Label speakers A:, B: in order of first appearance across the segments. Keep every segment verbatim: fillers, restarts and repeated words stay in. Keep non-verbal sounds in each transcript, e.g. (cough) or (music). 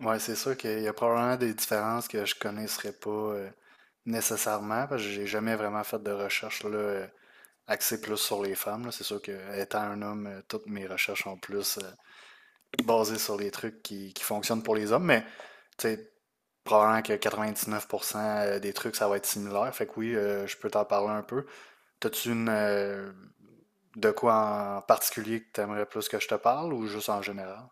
A: Ouais, c'est sûr qu'il y a probablement des différences que je connaisserais pas euh, nécessairement, parce que j'ai jamais vraiment fait de recherche là, euh, axée plus sur les femmes. Là. C'est sûr que étant un homme, euh, toutes mes recherches sont plus euh, basées sur les trucs qui, qui fonctionnent pour les hommes, mais tu sais, probablement que quatre-vingt-dix-neuf pour cent des trucs, ça va être similaire. Fait que oui, euh, je peux t'en parler un peu. T'as-tu une euh, De quoi en particulier que t'aimerais plus que je te parle, ou juste en général?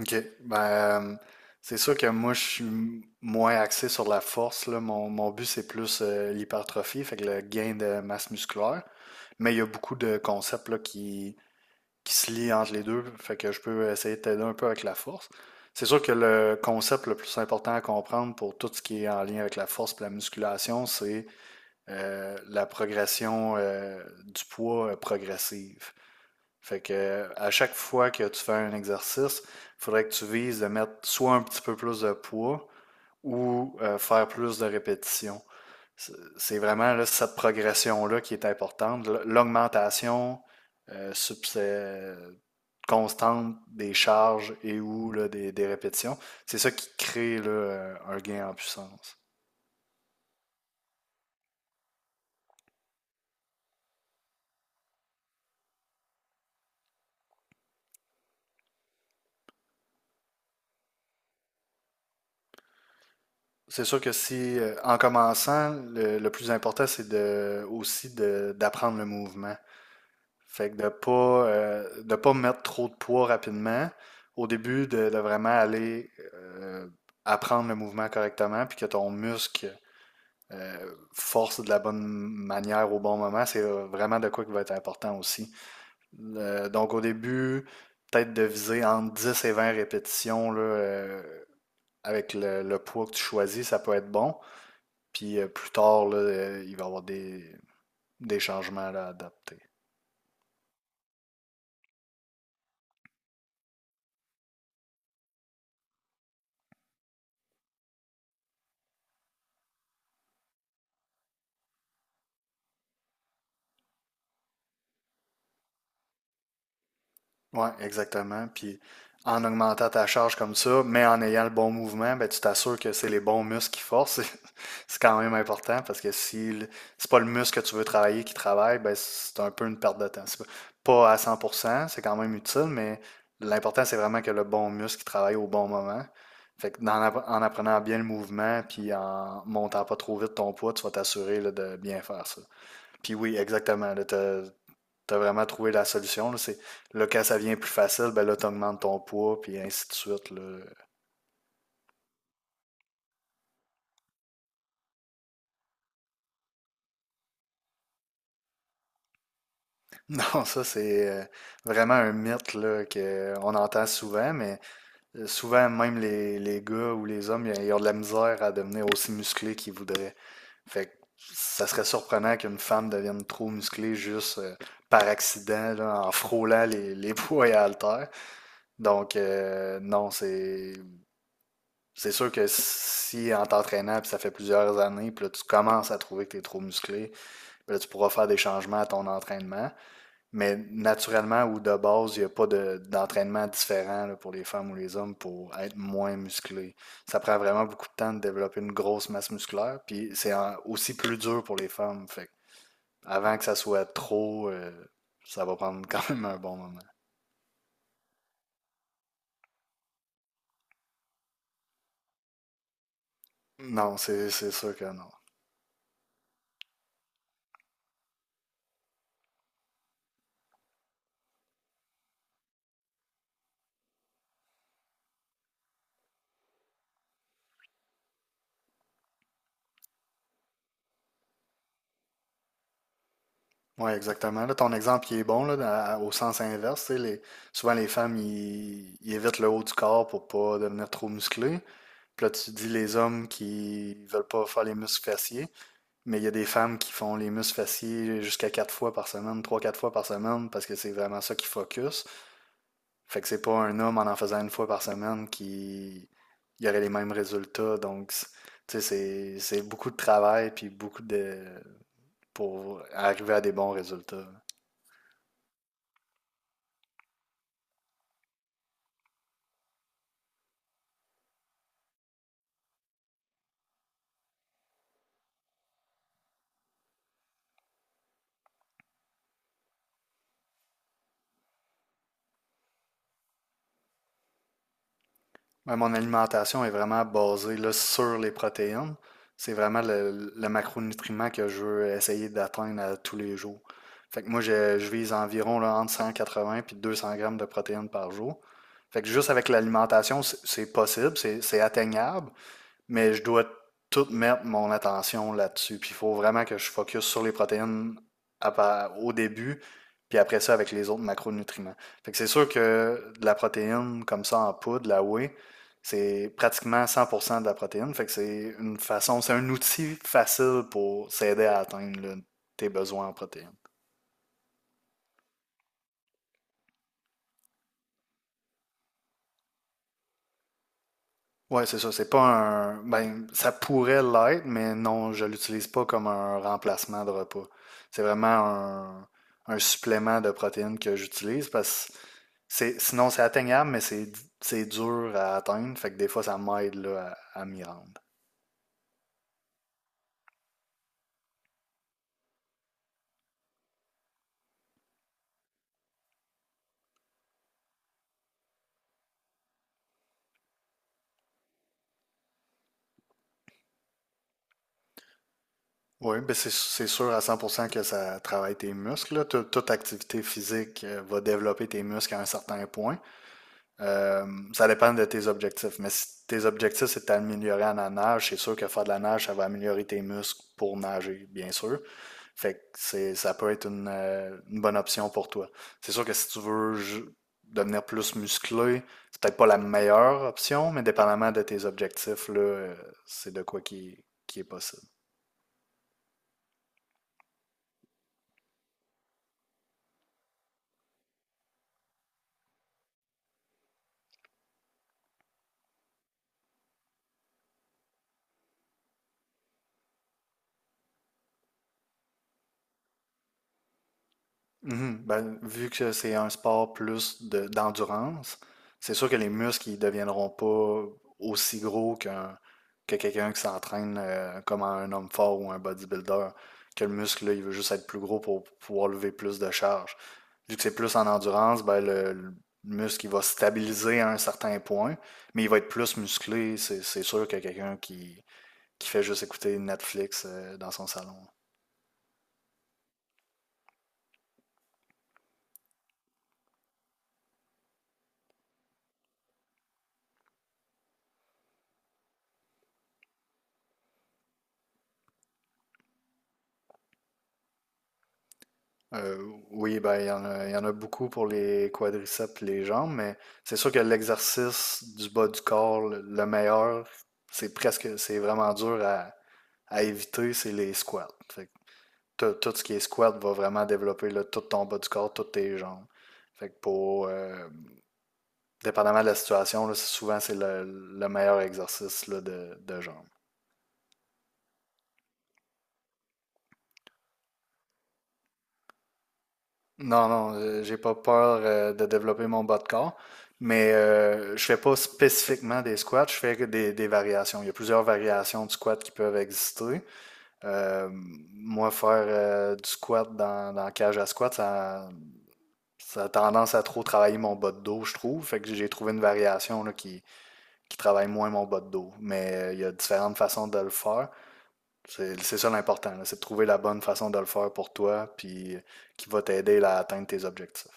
A: OK. Ben, euh, c'est sûr que moi, je suis m- moins axé sur la force, là. Mon, mon but, c'est plus euh, l'hypertrophie, fait que le gain de masse musculaire. Mais il y a beaucoup de concepts, là, qui, qui se lient entre les deux, fait que je peux essayer de t'aider un peu avec la force. C'est sûr que le concept le plus important à comprendre pour tout ce qui est en lien avec la force et la musculation, c'est euh, la progression euh, du poids euh, progressive. Fait que euh, à chaque fois que tu fais un exercice, il faudrait que tu vises de mettre soit un petit peu plus de poids, ou euh, faire plus de répétitions. C'est c'est vraiment là, cette progression-là qui est importante. L- L'augmentation euh, subsé- constante des charges et ou là, des, des répétitions, c'est ça qui crée là, euh, un gain en puissance. C'est sûr que si, euh, en commençant, le, le plus important, c'est de, aussi de- d'apprendre le mouvement. Fait que de pas, euh, de pas mettre trop de poids rapidement. Au début, de, de vraiment aller euh, apprendre le mouvement correctement, puis que ton muscle euh, force de la bonne manière au bon moment, c'est euh, vraiment de quoi qui va être important aussi. Euh, donc au début, peut-être de viser entre dix et vingt répétitions là, euh, avec le, le poids que tu choisis, ça peut être bon. Puis euh, plus tard, là, euh, il va y avoir des, des changements là, à adapter. Ouais, exactement. Puis en augmentant ta charge comme ça, mais en ayant le bon mouvement, ben, tu t'assures que c'est les bons muscles qui forcent. (laughs) C'est quand même important parce que si le- c'est pas le muscle que tu veux travailler qui travaille, ben, c'est un peu une perte de temps. C'est pas pas à cent pour cent, c'est quand même utile, mais l'important, c'est vraiment que le bon muscle qui travaille au bon moment. Fait que dans l'app- en apprenant bien le mouvement, puis en montant pas trop vite ton poids, tu vas t'assurer là, de bien faire ça. Puis oui, exactement, là, t'as- t'as vraiment trouvé la solution. Là, c'est, là, quand ça vient plus facile, ben là, t'augmentes ton poids, puis ainsi de suite. Là. (laughs) Non, ça, c'est euh, vraiment un mythe là, qu'on entend souvent, mais euh, souvent, même les, les gars ou les hommes, ils ils ont de la misère à devenir aussi musclés qu'ils voudraient. Fait que ça serait surprenant qu'une femme devienne trop musclée juste euh, par accident, là, en frôlant les, les (laughs) poids et haltères. Donc, euh, non, c'est C'est sûr que si en t'entraînant, puis ça fait plusieurs années, puis là tu commences à trouver que tu es trop musclé, puis là tu pourras faire des changements à ton entraînement. Mais naturellement ou de base, il n'y a pas de- d'entraînement différent là, pour les femmes ou les hommes pour être moins musclé. Ça prend vraiment beaucoup de temps de développer une grosse masse musculaire, puis c'est en- aussi plus dur pour les femmes. Fait que avant que ça soit trop, euh, ça va prendre (laughs) quand même un bon moment. Non, c'est c'est sûr que non. Oui, exactement. Là, ton exemple, il est bon là, dans- au sens inverse. Tu sais, Les, souvent, les femmes, ils, ils évitent le haut du corps pour pas devenir trop musclés. Puis là, tu dis les hommes qui veulent pas faire les muscles fessiers, mais il y a des femmes qui font les muscles fessiers jusqu'à quatre fois par semaine, trois, quatre fois par semaine, parce que c'est vraiment ça qui focus. Fait que c'est pas un homme en en faisant une fois par semaine qui il y aurait les mêmes résultats. Donc, c- tu sais, c'est c'est beaucoup de travail puis beaucoup de pour arriver à des bons résultats. Ouais, mon alimentation est vraiment basée là, sur les protéines. C'est vraiment le, le macronutriment que je veux essayer d'atteindre à tous les jours. Fait que moi, je, je vise environ là, entre cent quatre-vingts et deux cents grammes de protéines par jour. Fait que juste avec l'alimentation, c'est c'est possible, c'est c'est atteignable, mais je dois tout mettre mon attention là-dessus. Puis il faut vraiment que je focus sur les protéines à part- au début, puis après ça avec les autres macronutriments. Fait que c'est sûr que de la protéine comme ça en poudre, la whey, c'est pratiquement cent pour cent de la protéine. Fait que c'est une façon, c'est un outil facile pour s'aider à atteindre là, tes besoins en protéines. Ouais, c'est ça. C'est pas un. Ben, ça pourrait l'être, mais non, je l'utilise pas comme un remplacement de repas. C'est vraiment un, un supplément de protéines que j'utilise parce que c'est, sinon c'est atteignable, mais c'est, c'est dur à atteindre. Fait que des fois, ça m'aide là, à, à m'y rendre. Oui, ben c'est, c'est sûr à cent pour cent que ça travaille tes muscles. Là. Toute, toute activité physique euh, va développer tes muscles à un certain point. Euh, Ça dépend de tes objectifs. Mais si tes objectifs, c'est d'améliorer en la nage, c'est sûr que faire de la nage, ça va améliorer tes muscles pour nager, bien sûr. Fait que c'est, ça peut être une, euh, une bonne option pour toi. C'est sûr que si tu veux ju- devenir plus musclé, c'est peut-être pas la meilleure option, mais dépendamment de tes objectifs, là, euh, c'est de quoi qui, qui est possible. Mhm. Ben, vu que c'est un sport plus de- d'endurance, c'est sûr que les muscles ils deviendront pas aussi gros qu'un que quelqu'un qui s'entraîne euh, comme un homme fort ou un bodybuilder. Que le muscle, là, il veut juste être plus gros pour pouvoir lever plus de charge. Vu que c'est plus en endurance, ben le, le muscle il va stabiliser à un certain point, mais il va être plus musclé, c'est c'est sûr que quelqu'un qui, qui fait juste écouter Netflix euh, dans son salon. Euh, oui, ben, il y en a, il y en a beaucoup pour les quadriceps, les jambes, mais c'est sûr que l'exercice du bas du corps, le, le meilleur, c'est presque, c'est vraiment dur à, à éviter, c'est les squats. Fait que tout, tout ce qui est squat va vraiment développer là, tout ton bas du corps, toutes tes jambes. Fait que pour, euh, dépendamment de la situation, là, c'est- souvent c'est le, le meilleur exercice là, de, de jambes. Non, non, euh, j'ai pas peur euh, de développer mon bas de corps, mais euh, je fais pas spécifiquement des squats, je fais que des, des variations. Il y a plusieurs variations de squat qui peuvent exister. Euh, Moi, faire euh, du squat dans, dans cage à squat, ça, ça a tendance à trop travailler mon bas de dos, je trouve. Fait que j'ai trouvé une variation là, qui, qui travaille moins mon bas de dos. Mais euh, il y a différentes façons de le faire. C'est c'est ça l'important, là, c'est de trouver la bonne façon de le faire pour toi, puis euh, qui va t'aider là, à atteindre tes objectifs.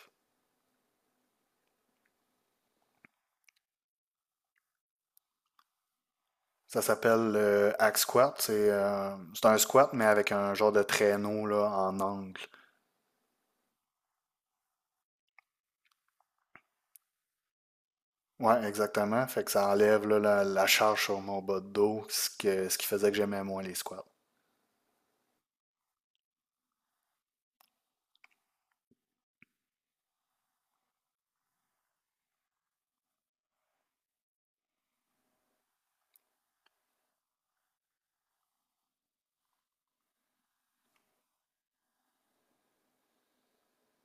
A: Ça s'appelle le hack squat. C'est euh, c'est un squat, mais avec un genre de traîneau là, en angle. Ouais, exactement. Fait que ça enlève là, la, la charge sur mon bas de dos, ce, que- ce qui faisait que j'aimais moins les squats.